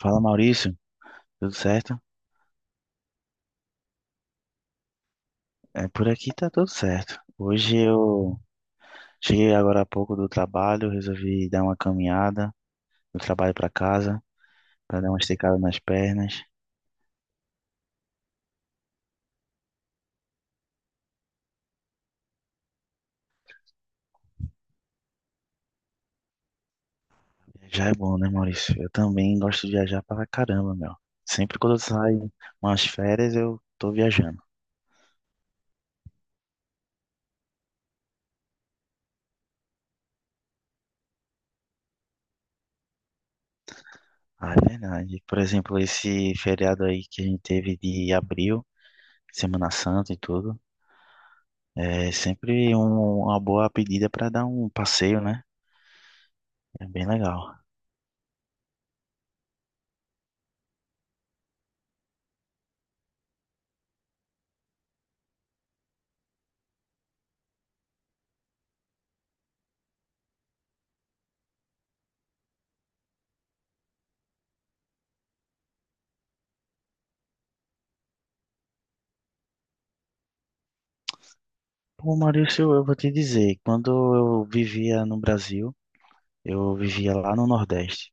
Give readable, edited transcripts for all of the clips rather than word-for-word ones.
Fala, Maurício, tudo certo? Por aqui tá tudo certo. Hoje eu cheguei agora há pouco do trabalho, resolvi dar uma caminhada do trabalho para casa, para dar uma esticada nas pernas. Já é bom, né, Maurício? Eu também gosto de viajar pra caramba, meu. Sempre quando eu saio umas férias, eu tô viajando. Ah, é verdade. Por exemplo, esse feriado aí que a gente teve de abril, Semana Santa e tudo, é sempre uma boa pedida para dar um passeio, né? É bem legal. Ô Maurício, eu vou te dizer, quando eu vivia no Brasil, eu vivia lá no Nordeste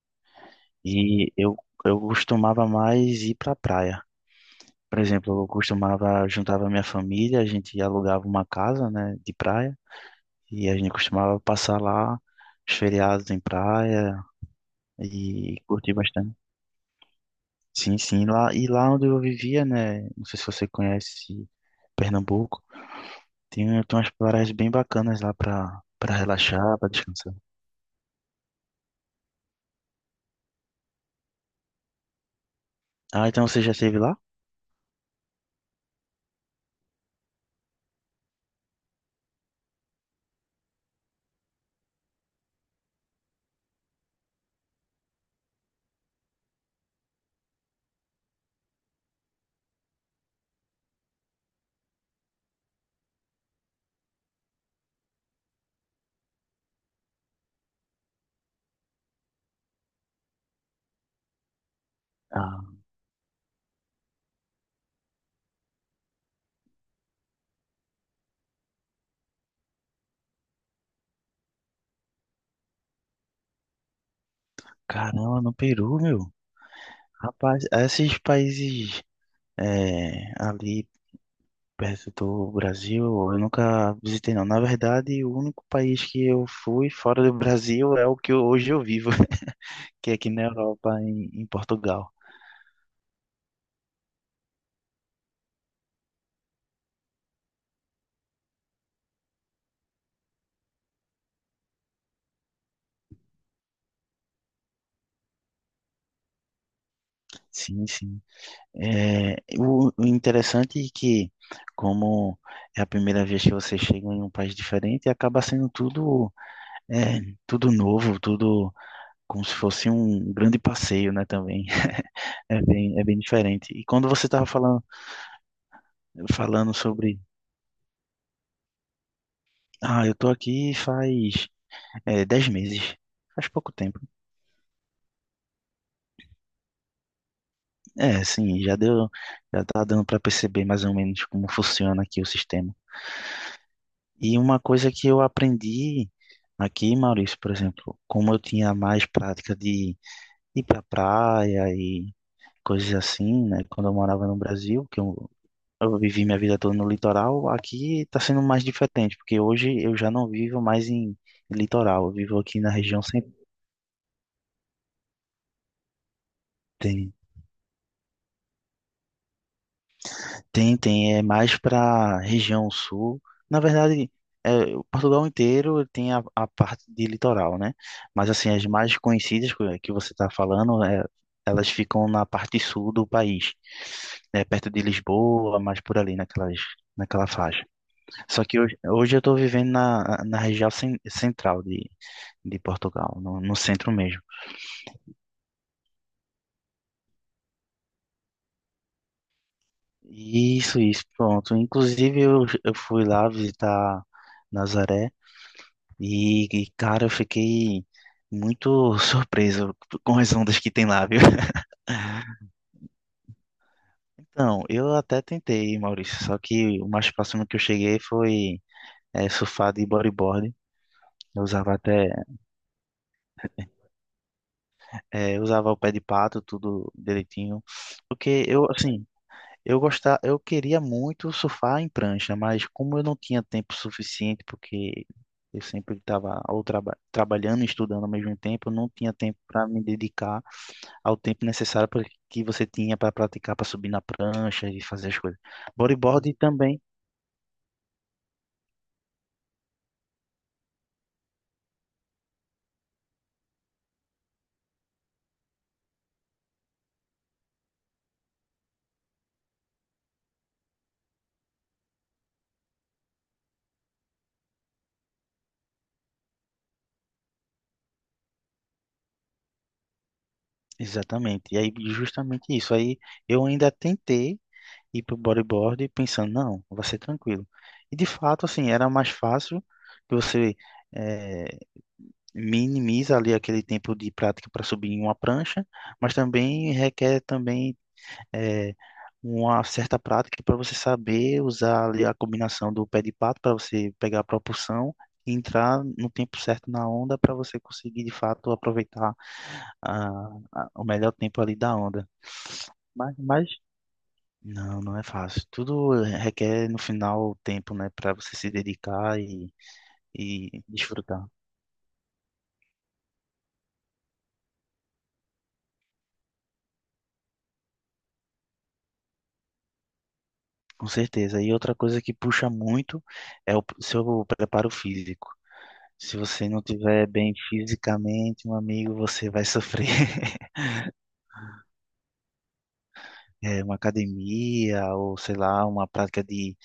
e eu costumava mais ir para praia. Por exemplo, eu costumava, juntava minha família, a gente alugava uma casa, né, de praia e a gente costumava passar lá os feriados em praia e curtir bastante. Sim, sim, lá e lá onde eu vivia, né, não sei se você conhece Pernambuco, tem umas praias bem bacanas lá para relaxar, para descansar. Ah, então você já esteve lá? Ah, caramba, no Peru, meu. Rapaz, esses países ali perto do Brasil, eu nunca visitei, não. Na verdade, o único país que eu fui fora do Brasil é o que hoje eu vivo, que é aqui na Europa, em Portugal. Sim, sim. O interessante é que, como é a primeira vez que você chega em um país diferente, acaba sendo tudo, é, tudo novo, tudo, como se fosse um grande passeio, né, também. É bem diferente. E quando você estava falando, falando sobre, ah, eu tô aqui faz 10 meses, faz pouco tempo. É, sim, já deu, já tá dando para perceber mais ou menos como funciona aqui o sistema. E uma coisa que eu aprendi aqui, Maurício, por exemplo, como eu tinha mais prática de ir para praia e coisas assim, né, quando eu morava no Brasil, que eu vivi minha vida toda no litoral. Aqui está sendo mais diferente, porque hoje eu já não vivo mais em litoral. Eu vivo aqui na região central. Tem, tem, é mais para região sul. Na verdade, o Portugal inteiro tem a parte de litoral, né? Mas assim, as mais conhecidas que você está falando, elas ficam na parte sul do país, né? Perto de Lisboa, mais por ali, naquelas, naquela faixa. Só que hoje eu estou vivendo na, na região central de Portugal, no, no centro mesmo. Isso, pronto. Inclusive eu fui lá visitar Nazaré e, cara, eu fiquei muito surpreso com as ondas que tem lá, viu? Então, eu até tentei, Maurício, só que o mais próximo que eu cheguei foi surfar de bodyboard. Eu usava até, eu usava o pé de pato, tudo direitinho. Porque eu, assim, eu gostar, eu queria muito surfar em prancha, mas como eu não tinha tempo suficiente, porque eu sempre estava ou trabalhando e estudando ao mesmo tempo, eu não tinha tempo para me dedicar ao tempo necessário que você tinha para praticar, para subir na prancha e fazer as coisas. Bodyboard também, exatamente. E aí, justamente isso. Aí eu ainda tentei ir para o bodyboard pensando, não, vai ser tranquilo. E de fato, assim, era mais fácil que você eh, minimiza ali aquele tempo de prática para subir em uma prancha, mas também requer também, eh, uma certa prática para você saber usar ali a combinação do pé de pato para você pegar a propulsão e entrar no tempo certo na onda para você conseguir de fato aproveitar a, o melhor tempo ali da onda. Mas não, não é fácil. Tudo requer no final tempo, né, para você se dedicar e desfrutar. Com certeza. E outra coisa que puxa muito é o seu preparo físico. Se você não tiver bem fisicamente, meu amigo, você vai sofrer. É, uma academia ou, sei lá, uma prática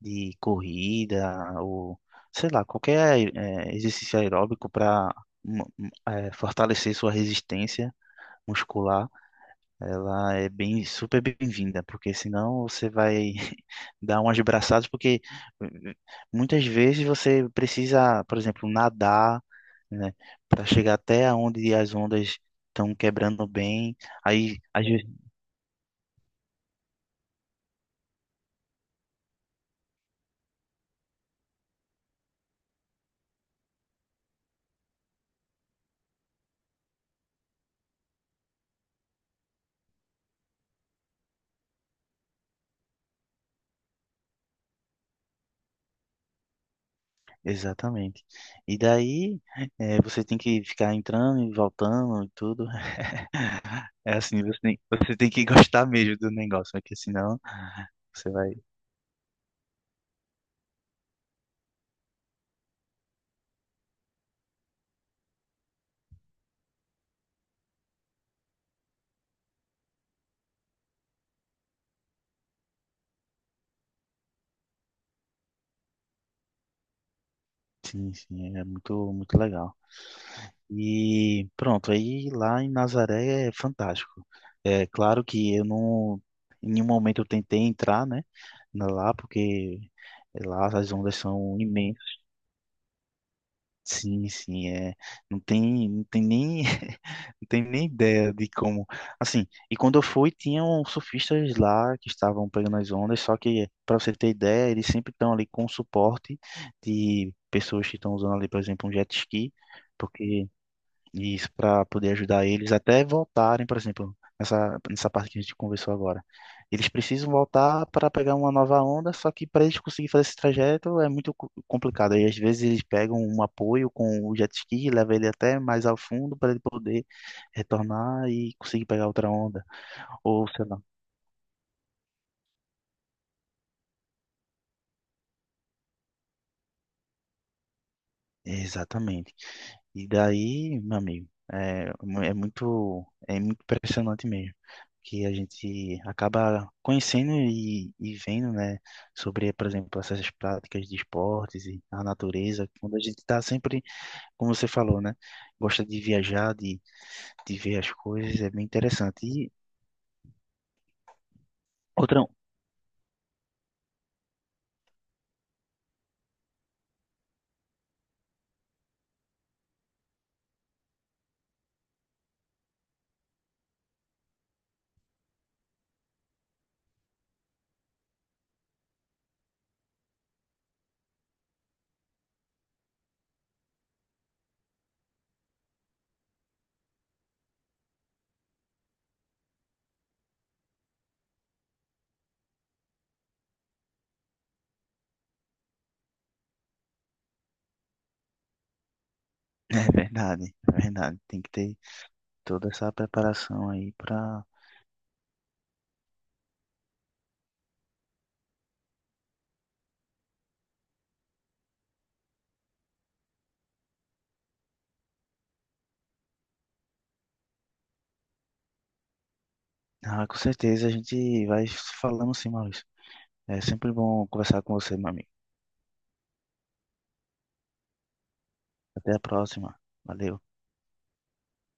de corrida ou, sei lá, qualquer exercício aeróbico para fortalecer sua resistência muscular. Ela é bem, super bem-vinda, porque senão você vai dar umas braçadas, porque eh, muitas vezes você precisa, por exemplo, nadar, né, para chegar até onde as ondas estão quebrando bem. Aí, às vezes, exatamente. E daí, você tem que ficar entrando e voltando e tudo. É assim, você tem que gostar mesmo do negócio, porque senão você vai. Sim, sim, é muito, muito legal. E pronto, aí lá em Nazaré é fantástico. É claro que eu não, em nenhum momento eu tentei entrar, né, lá, porque lá as ondas são imensas. Sim, sim, não tem, não tem nem, não tem nem ideia de como, assim, e quando eu fui, tinham surfistas lá que estavam pegando as ondas, só que, para você ter ideia, eles sempre estão ali com suporte de pessoas que estão usando ali, por exemplo, um jet ski, porque e isso, para poder ajudar eles até voltarem, por exemplo, nessa, nessa parte que a gente conversou agora. Eles precisam voltar para pegar uma nova onda, só que para eles conseguirem fazer esse trajeto é muito complicado. E às vezes eles pegam um apoio com o jet ski, leva ele até mais ao fundo para ele poder retornar e conseguir pegar outra onda. Ou sei lá. Exatamente. E daí, meu amigo, é muito impressionante mesmo, que a gente acaba conhecendo e vendo, né, sobre, por exemplo, essas práticas de esportes e a natureza, quando a gente está sempre, como você falou, né, gosta de viajar, de ver as coisas, é bem interessante. E outra, é verdade, tem que ter toda essa preparação aí para, ah, com certeza a gente vai falando sim, Maurício. É sempre bom conversar com você, meu amigo. Até a próxima. Valeu.